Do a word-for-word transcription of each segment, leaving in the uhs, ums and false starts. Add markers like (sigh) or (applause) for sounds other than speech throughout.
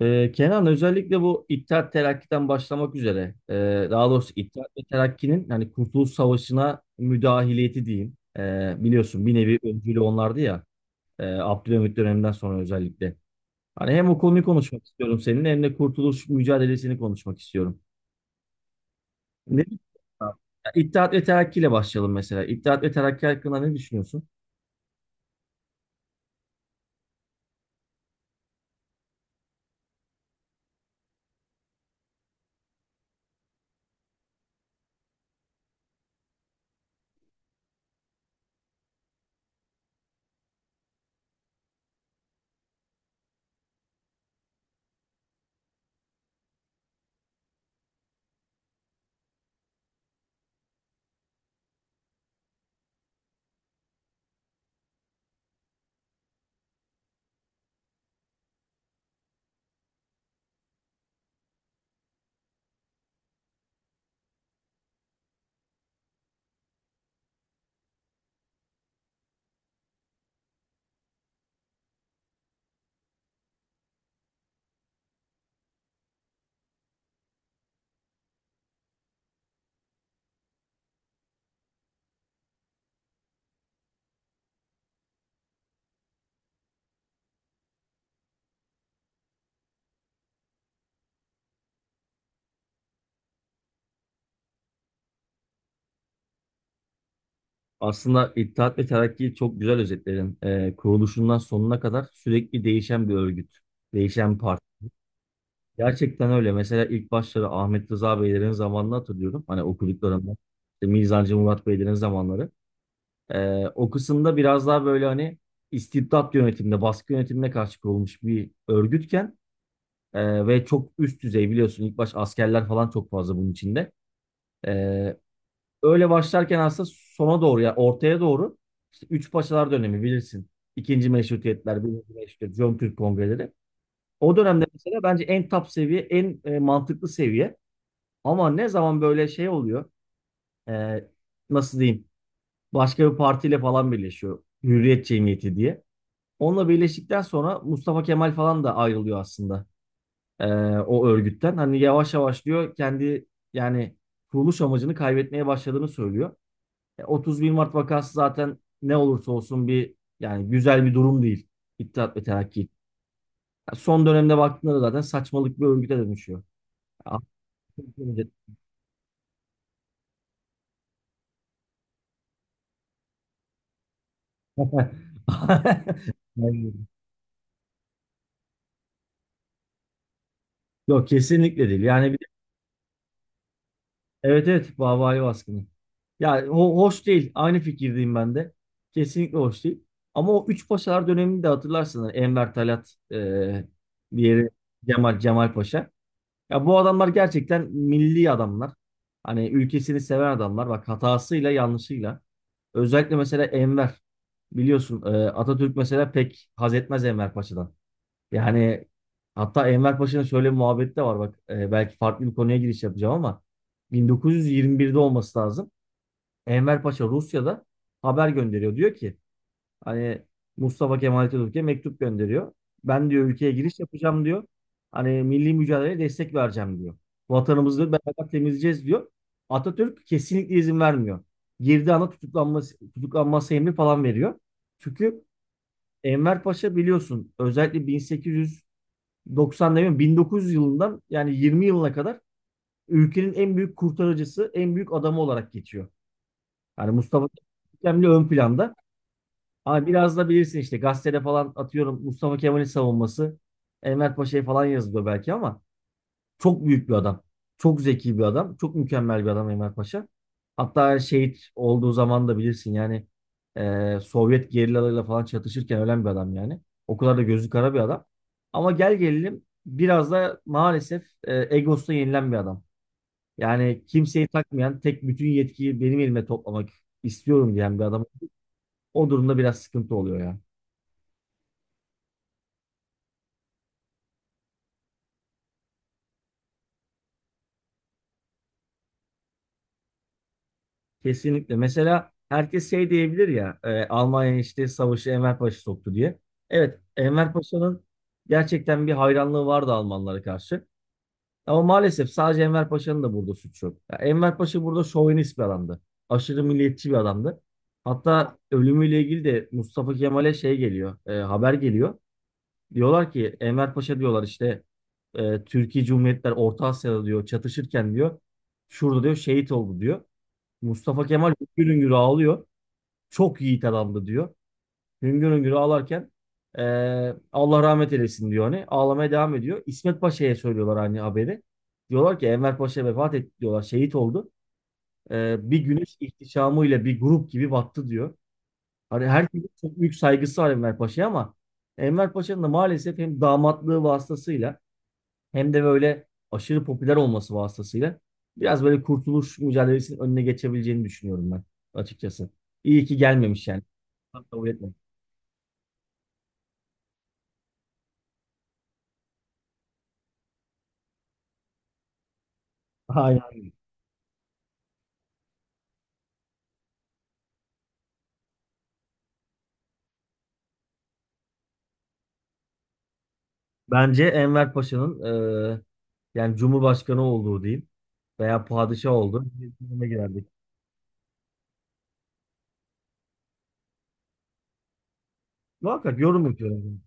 Ee, Kenan özellikle bu İttihat Terakki'den başlamak üzere e, daha doğrusu İttihat ve Terakki'nin hani Kurtuluş Savaşı'na müdahiliyeti diyeyim. E, biliyorsun bir nevi öncülü onlardı ya e, Abdülhamit döneminden sonra özellikle. Hani hem o konuyu konuşmak istiyorum seninle hem de Kurtuluş mücadelesini konuşmak istiyorum. Ne ya İttihat ve Terakki ile başlayalım mesela. İttihat ve Terakki hakkında ne düşünüyorsun? Aslında İttihat ve Terakki'yi çok güzel özetledin. Ee, kuruluşundan sonuna kadar sürekli değişen bir örgüt, değişen bir parti. Gerçekten öyle. Mesela ilk başları Ahmet Rıza Beylerin zamanını hatırlıyorum. Hani okuduklarımdan. İşte Mizancı Murat Beylerin zamanları. Ee, o kısımda biraz daha böyle hani istibdat yönetimine, baskı yönetimine karşı kurulmuş bir örgütken e, ve çok üst düzey biliyorsun ilk baş askerler falan çok fazla bunun içinde. Ee, Öyle başlarken aslında sona doğru ya ortaya doğru işte Üç Paşalar dönemi bilirsin. İkinci Meşrutiyetler, birinci Meşrutiyet, Jön Türk Kongreleri. O dönemde mesela bence en top seviye, en e, mantıklı seviye. Ama ne zaman böyle şey oluyor, e, nasıl diyeyim, başka bir partiyle falan birleşiyor. Hürriyet Cemiyeti diye. Onunla birleştikten sonra Mustafa Kemal falan da ayrılıyor aslında e, o örgütten. Hani yavaş yavaş diyor kendi yani kuruluş amacını kaybetmeye başladığını söylüyor. E, otuz bir Mart vakası zaten ne olursa olsun bir yani güzel bir durum değil. İttihat ve Terakki. Ya son dönemde baktığında da zaten saçmalık bir örgüte dönüşüyor. Ya, (laughs) aynen. Yok kesinlikle değil. Yani bir, evet, evet, Bahvani baskını. Yani ho- hoş değil. Aynı fikirdeyim ben de. Kesinlikle hoş değil. Ama o üç paşalar döneminde hatırlarsınız. Enver Talat, e, diğeri Cemal, Cemal Paşa. Ya bu adamlar gerçekten milli adamlar. Hani ülkesini seven adamlar. Bak hatasıyla yanlışıyla. Özellikle mesela Enver. Biliyorsun e, Atatürk mesela pek haz etmez Enver Paşa'dan. Yani hatta Enver Paşa'nın şöyle bir muhabbeti de var bak. E, belki farklı bir konuya giriş yapacağım ama bin dokuz yüz yirmi birde olması lazım. Enver Paşa Rusya'da haber gönderiyor. Diyor ki hani Mustafa Kemal Atatürk'e mektup gönderiyor. Ben diyor ülkeye giriş yapacağım diyor. Hani milli mücadeleye destek vereceğim diyor. Vatanımızı diyor, beraber temizleyeceğiz diyor. Atatürk kesinlikle izin vermiyor. Girdiği anda tutuklanması, tutuklanması emri falan veriyor. Çünkü Enver Paşa biliyorsun özellikle bin sekiz yüz doksan demiyorum, bin dokuz yüz yılından yani yirmi yılına kadar ülkenin en büyük kurtarıcısı, en büyük adamı olarak geçiyor. Yani Mustafa Kemal ön planda. Ama biraz da bilirsin işte gazetede falan atıyorum Mustafa Kemal'in savunması, Enver Paşa'yı falan yazılıyor belki ama çok büyük bir adam. Çok zeki bir adam. Çok mükemmel bir adam Enver Paşa. Hatta şehit olduğu zaman da bilirsin yani e, Sovyet gerillalarıyla falan çatışırken ölen bir adam yani. O kadar da gözü kara bir adam. Ama gel gelelim biraz da maalesef e, egosuna yenilen bir adam. Yani kimseyi takmayan, tek bütün yetkiyi benim elime toplamak istiyorum diyen bir adam. O durumda biraz sıkıntı oluyor ya. Kesinlikle. Mesela herkes şey diyebilir ya e, Almanya işte savaşı Enver Paşa soktu diye. Evet, Enver Paşa'nın gerçekten bir hayranlığı vardı Almanlara karşı. Ama maalesef sadece Enver Paşa'nın da burada suçu yok. Ya Enver Paşa burada şovinist bir adamdı. Aşırı milliyetçi bir adamdı. Hatta ölümüyle ilgili de Mustafa Kemal'e şey geliyor, e, haber geliyor. Diyorlar ki Enver Paşa, diyorlar işte e, Türkiye Cumhuriyetler Orta Asya'da diyor, çatışırken diyor, şurada diyor şehit oldu diyor. Mustafa Kemal hüngür hüngür ağlıyor. Çok yiğit adamdı diyor. Hüngür hüngür ağlarken eee, Allah rahmet eylesin diyor hani. Ağlamaya devam ediyor. İsmet Paşa'ya söylüyorlar hani haberi. Diyorlar ki Enver Paşa vefat etti diyorlar. Şehit oldu. Eee, bir güneş ihtişamıyla bir grup gibi battı diyor. Hani herkesin çok büyük saygısı var Enver Paşa'ya ama Enver Paşa'nın da maalesef hem damatlığı vasıtasıyla hem de böyle aşırı popüler olması vasıtasıyla biraz böyle kurtuluş mücadelesinin önüne geçebileceğini düşünüyorum ben açıkçası. İyi ki gelmemiş yani. Kabul etmem. Aynen. Bence Enver Paşa'nın eee, yani Cumhurbaşkanı olduğu diyeyim veya padişah olduğu bir döneme girerdik. Muhakkak yorum yapıyorum.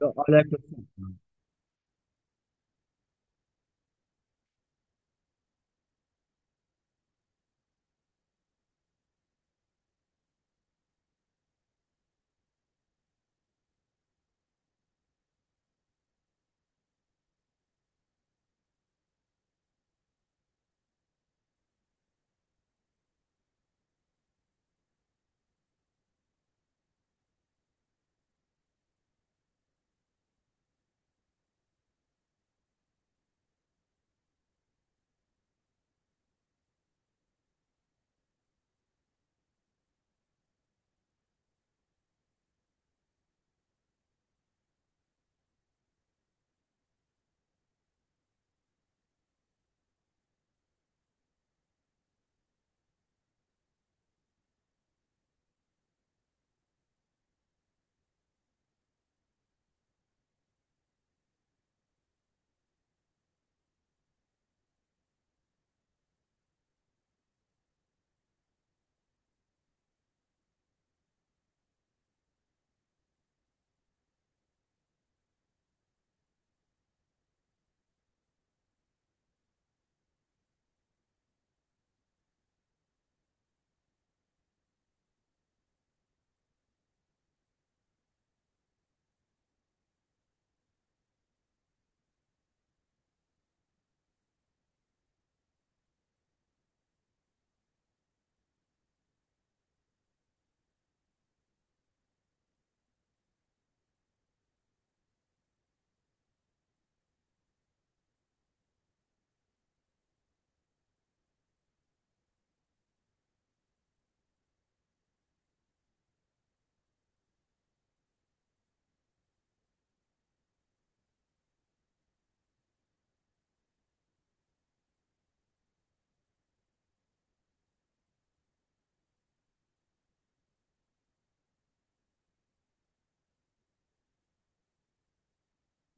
Ya, alakası yok. Yani.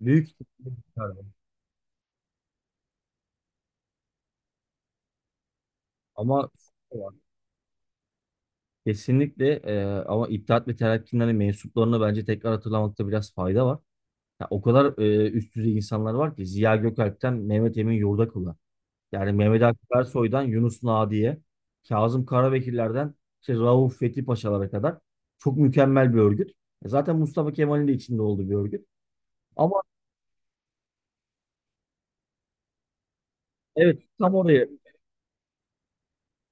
Büyük ihtimalle çıkardı. Ama şu var. Kesinlikle, eee, ama İttihat ve Terakki'nin hani mensuplarını bence tekrar hatırlamakta biraz fayda var. Ya o kadar e, üst düzey insanlar var ki Ziya Gökalp'ten Mehmet Emin Yurdakoğlu'na. Yani Mehmet Akif Ersoy'dan Yunus Nadi'ye, Kazım Karabekirler'den işte Rauf Fethi Paşalara kadar çok mükemmel bir örgüt. E Zaten Mustafa Kemal'in de içinde olduğu bir örgüt. Ama evet, tam oraya,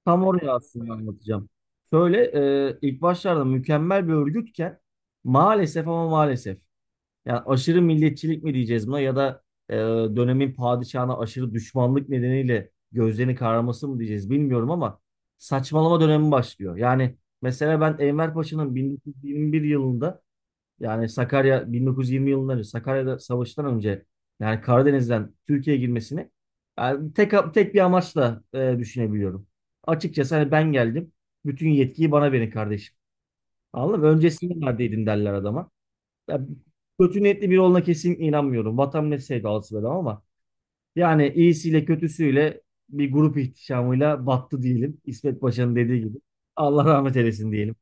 tam oraya aslında anlatacağım. Şöyle e, ilk başlarda mükemmel bir örgütken maalesef, ama maalesef. Yani aşırı milliyetçilik mi diyeceğiz buna, ya da e, dönemin padişahına aşırı düşmanlık nedeniyle gözlerini kararması mı diyeceğiz bilmiyorum ama saçmalama dönemi başlıyor. Yani mesela ben Enver Paşa'nın bin dokuz yüz yirmi bir yılında, yani Sakarya bin dokuz yüz yirmi yılından önce, Sakarya'da savaştan önce yani Karadeniz'den Türkiye'ye girmesini yani tek tek bir amaçla e, düşünebiliyorum. Açıkçası hani ben geldim. Bütün yetkiyi bana verin kardeşim. Anladın mı? Öncesinde neredeydin derler adama. Ya, kötü niyetli biri olduğuna kesinlikle inanmıyorum. Vatan millet sevdalısı bir adam ama yani iyisiyle kötüsüyle bir grup ihtişamıyla battı diyelim. İsmet Paşa'nın dediği gibi. Allah rahmet eylesin diyelim.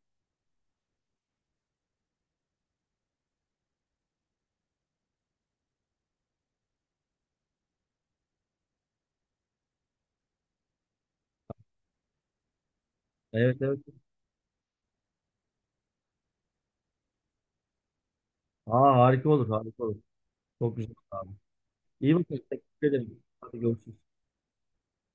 Evet, evet. Aa, harika olur, harika olur. Çok güzel abi. İyi bakın. Teşekkür ederim. Hadi görüşürüz.